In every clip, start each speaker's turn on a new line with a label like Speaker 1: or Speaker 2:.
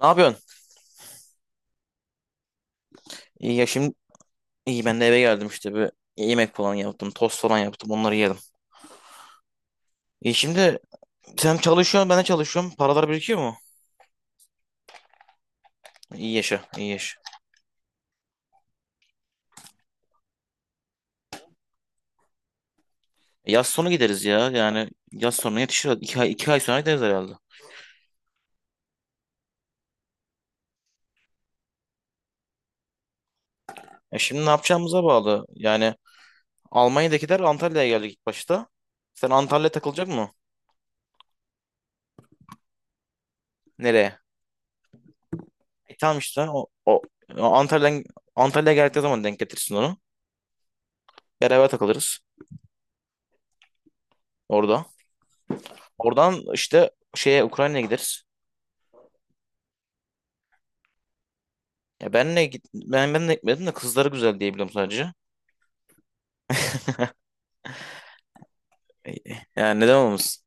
Speaker 1: Ne yapıyorsun? İyi ya şimdi. İyi ben de eve geldim işte, bir yemek falan yaptım, tost falan yaptım, onları yedim. İyi şimdi. Sen çalışıyorsun, ben de çalışıyorum. Paralar birikiyor mu? İyi yaşa, iyi yaşa. Yaz sonu gideriz ya, yani yaz sonu yetişir. İki ay, iki ay sonra gideriz herhalde. Şimdi ne yapacağımıza bağlı. Yani Almanya'dakiler Antalya'ya geldik ilk başta. Sen Antalya'ya takılacak mı? Nereye? Tamam işte, o Antalya'dan Antalya'ya geldiği zaman denk getirsin onu. Beraber takılırız orada. Oradan işte şeye Ukrayna'ya gideriz. Ya benle git, ben de gitmedim de kızları güzel diyebilirim sadece. E, Yani neden olmasın?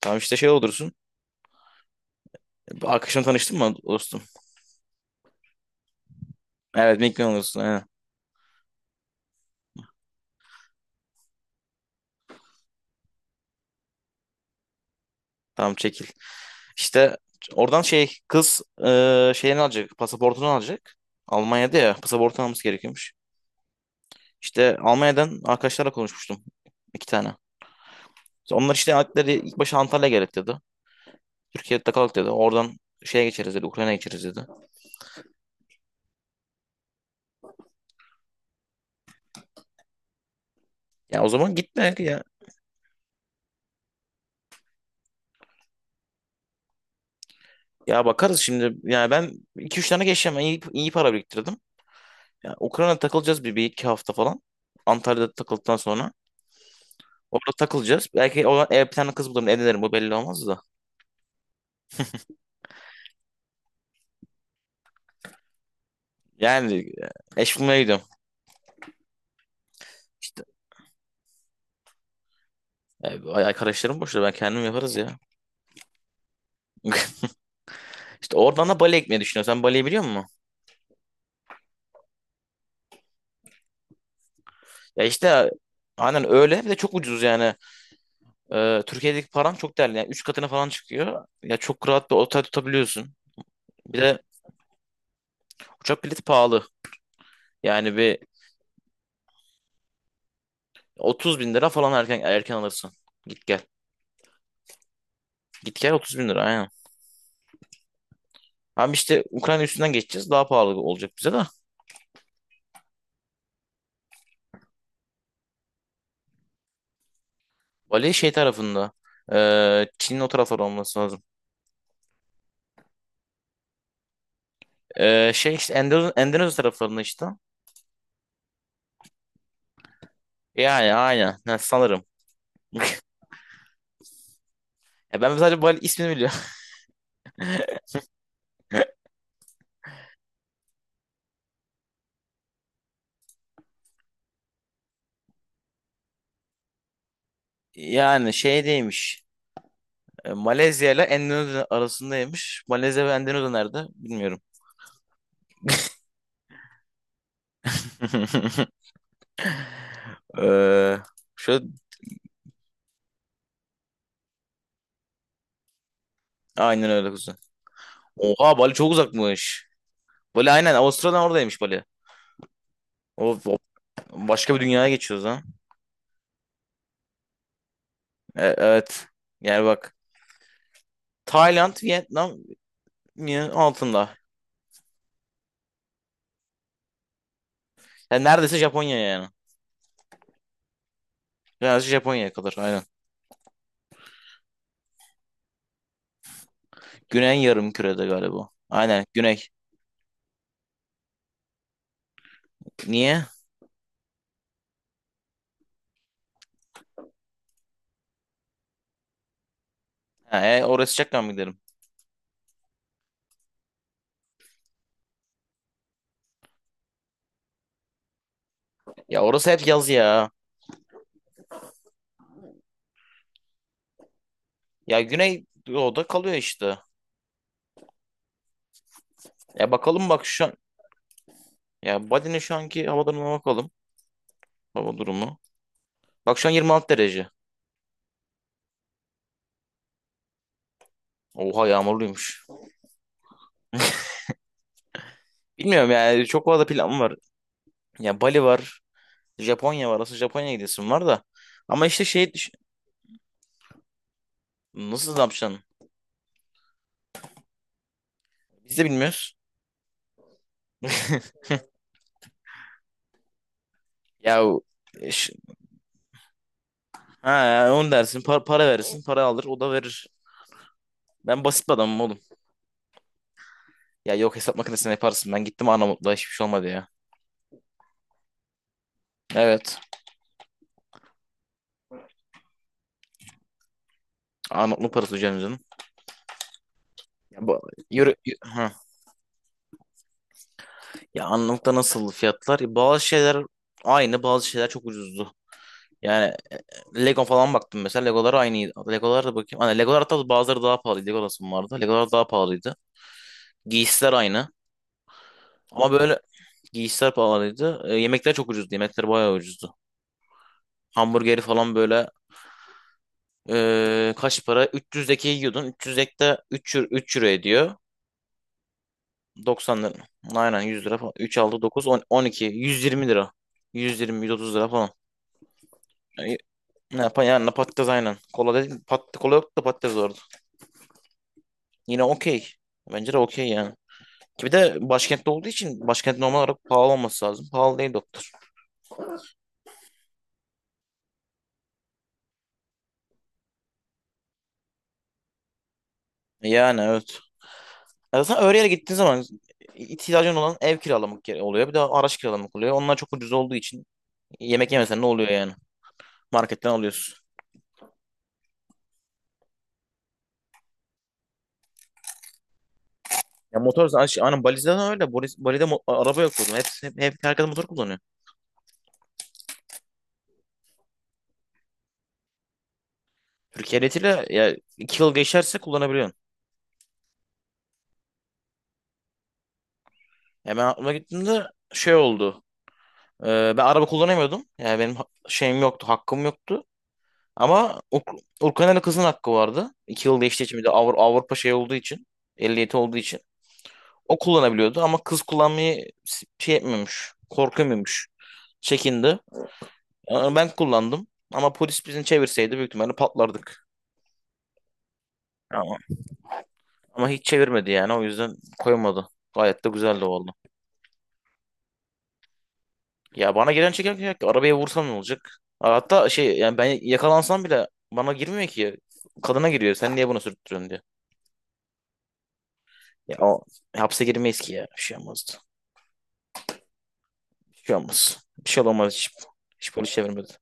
Speaker 1: Tamam işte şey olursun. Arkadaşım tanıştın mı dostum? Evet, Mickey olursun. Aynen. Tamam, çekil. İşte oradan şey, kız şeyini alacak. Pasaportunu alacak. Almanya'da ya pasaportunu alması gerekiyormuş. İşte Almanya'dan arkadaşlarla konuşmuştum. İki tane. İşte onlar işte aldıkları ilk başta Antalya gerek dedi. Türkiye'de kalalım dedi. Oradan şeye geçeriz dedi. Ukrayna'ya geçeriz dedi. Ya o zaman gitme ya. Ya bakarız şimdi. Yani ben iki üç tane geçeceğim. Ben iyi, iyi para biriktirdim. Ya Ukrayna'da takılacağız bir iki hafta falan. Antalya'da takıldıktan sonra. Orada takılacağız. Belki o ev bir tane kız bulurum. Evlenirim. Bu belli olmaz da. Yani eş bulmaya gidiyorum. İşte arkadaşlarım boşta, ben kendim yaparız ya. İşte oradan da Bali'ye gitmeyi düşünüyorum. Sen Bali'yi biliyor musun? Ya işte aynen öyle. Bir de çok ucuz yani. Türkiye'deki param çok değerli. Yani 3 katına falan çıkıyor. Ya çok rahat bir otel tutabiliyorsun. Bir de uçak bileti pahalı. Yani bir 30 bin lira falan erken erken alırsın. Git gel. Git gel 30 bin lira, aynen. Hem işte Ukrayna üstünden geçeceğiz. Daha pahalı olacak bize de. Bali şey tarafında. Çin'in o tarafları olması lazım. Şey işte Endonezya taraflarında işte. Yani aynen. Ha, sanırım. Ya ben sadece Bali ismini biliyorum. Yani şeydeymiş. Malezya ile Endonezya arasındaymış. Malezya ve Endonezya nerede? Bilmiyorum. Ee, Şöyle, aynen öyle kuzen. Oha, Bali çok uzakmış. Bali aynen Avustralya'dan oradaymış Bali. Of, of. Başka bir dünyaya geçiyoruz ha. Evet. Yani bak. Tayland, Vietnam yine altında. Yani neredeyse Japonya yani. Neredeyse Japonya'ya kadar aynen. Güney yarımkürede galiba. Aynen güney. Niye? Ha, oraya sıcaktan mı gidelim? Ya orası hep yaz ya. Ya güney doğuda kalıyor işte. Ya bakalım bak şu an. Ya Bali'nin şu anki hava durumuna bakalım. Hava durumu. Bak şu an 26 derece. Oha, yağmurluymuş. Bilmiyorum yani çok fazla planım var. Ya Bali var. Japonya var. Aslında Japonya'ya gidesim var da. Ama işte şey nasıl ne yapacaksın? Biz de bilmiyoruz. Ya o- e, ş- ha ya, onu dersin, para verirsin, para alır, o da verir. Ben basit bir adamım oğlum. Ya yok, hesap makinesine yaparsın. Ben gittim Arnavutluğa, hiçbir şey olmadı ya. Evet. Arnavutluk parası, hocam canım. Ya, bu, ha. Ya Arnavut'ta nasıl fiyatlar? Ya, bazı şeyler aynı, bazı şeyler çok ucuzdu. Yani Lego falan baktım mesela. Legolar aynıydı. Legolar da bakayım. Hani Legolar hatta bazıları daha pahalıydı. Lego vardı. Legolar daha pahalıydı. Giysiler aynı. Ama böyle giysiler pahalıydı. Yemekler çok ucuzdu. Yemekler bayağı ucuzdu. Hamburgeri falan böyle, kaç para? 300'deki yiyordun. 300'dekte 3 euro ediyor. 90 lira. Aynen 100 lira falan. 3, 6, 9, 10, 12. 120 lira. 120, 130 lira falan. Yani, ne yapan yani patates aynen. Kola dedim. Kola yoktu da patates vardı. Yine okey. Bence de okey yani. Ki bir de başkentte olduğu için başkent normal olarak pahalı olması lazım. Pahalı değil doktor. Yani evet. Ya zaten Öreğe gittiğin zaman, ihtiyacın olan ev kiralamak oluyor. Bir de araç kiralamak oluyor. Onlar çok ucuz olduğu için, yemek yemesen ne oluyor yani? Marketten alıyorsun. Ya motor zaten şey, aynen Bali'de de öyle. Bali'de araba yok oğlum. Hep, hep, hep herkes motor kullanıyor. Türkiye ehliyetiyle ya iki yıl geçerse kullanabiliyorsun. Ya ben aklıma gittiğimde şey oldu. Ee, Ben araba kullanamıyordum. Yani benim şeyim yoktu, hakkım yoktu. Ama Urkan'ın kızın hakkı vardı. İki yıl geçtiği için, bir de Avrupa şey olduğu için. Ehliyeti olduğu için. O kullanabiliyordu ama kız kullanmayı şey etmemiş. Korkamıyormuş. Çekindi. Ama ben kullandım. Ama polis bizi çevirseydi büyük ihtimalle patlardık. Ama, ama hiç çevirmedi yani. O yüzden koymadı. Gayet de güzel de oldu. Ya bana gelen çekerken arabaya vursam ne olacak? Hatta şey yani ben yakalansam bile bana girmiyor ki. Kadına giriyor. Sen niye bunu sürttürüyorsun diye. Ya o hapse girmeyiz ki ya. Bir şey olmazdı. Bir şey olmaz. Bir şey olmaz. Hiç, hiç polis çevirmedi.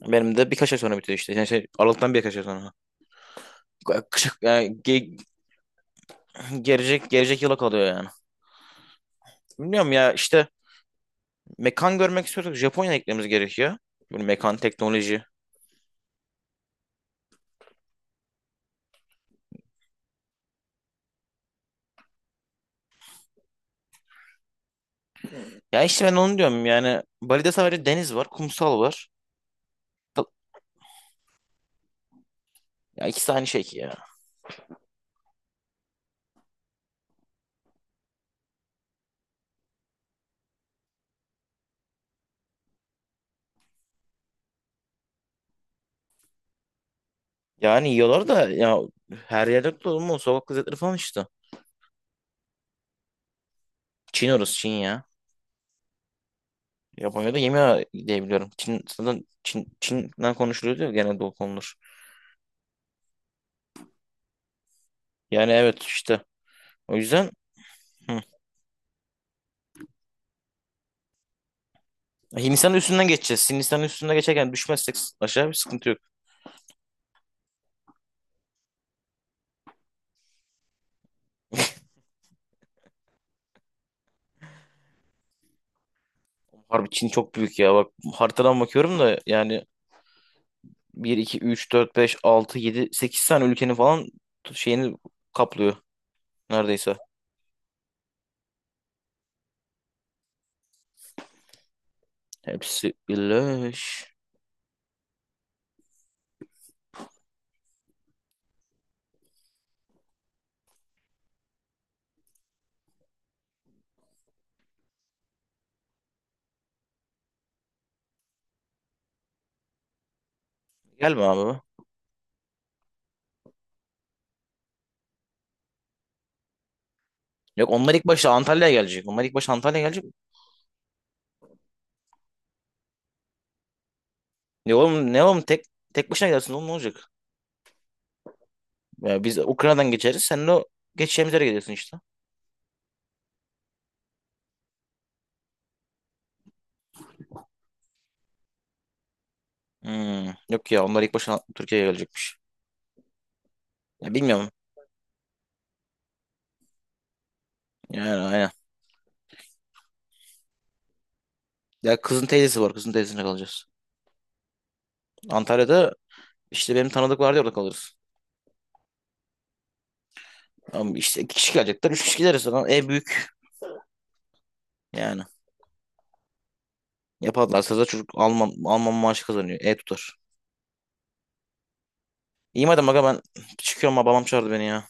Speaker 1: Benim de birkaç ay sonra bitiyor işte. Yani şey, Aralık'tan birkaç ay sonra. Yani gelecek yıla kalıyor yani. Bilmiyorum ya işte mekan görmek istiyorsak Japonya eklememiz gerekiyor. Böyle mekan teknoloji. Ya işte ben onu diyorum yani Bali'de sadece deniz var, kumsal var. Ya ikisi aynı şey ki ya. Yani yiyorlar da ya, her yerde yok da oğlum, o sokak lezzetleri falan işte. Çin orası Çin ya. Japonya'da yemiyor diyebiliyorum. Çin zaten Çin, Çin'den konuşuluyor diyor genelde o konular. Yani evet işte. O yüzden. Hı. Hindistan'ın üstünden geçeceğiz. Hindistan'ın üstünden geçerken düşmezsek aşağı bir sıkıntı yok. Harbi, Çin çok büyük ya. Bak, haritadan bakıyorum da yani bir 2 3 4 5 6 7 8 tane ülkenin falan şeyini kaplıyor neredeyse. Hepsi birleş. Gelme abi be. Yok, onlar ilk başta Antalya'ya gelecek. Onlar ilk başta Antalya'ya gelecek. Ne oğlum, tek başına gidersin oğlum, ne olacak? Ya biz Ukrayna'dan geçeriz. Sen de o geçeceğimiz yere gelirsin işte. Yok ya onlar ilk başta Türkiye'ye gelecekmiş. Ya bilmiyorum. Yani aynen. Ya kızın teyzesi var. Kızın teyzesine kalacağız. Antalya'da işte benim tanıdık vardı orada kalırız. Ama işte iki kişi gelecekler. Üç kişi gideriz zaten. Büyük. Yani. Yaparlarsa da çocuk Alman maaşı kazanıyor. Tutar. İyi madem aga, ben çıkıyorum. Babam çağırdı beni ya.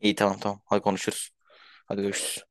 Speaker 1: İyi, tamam tamam. Hadi konuşuruz. Hadi görüşürüz.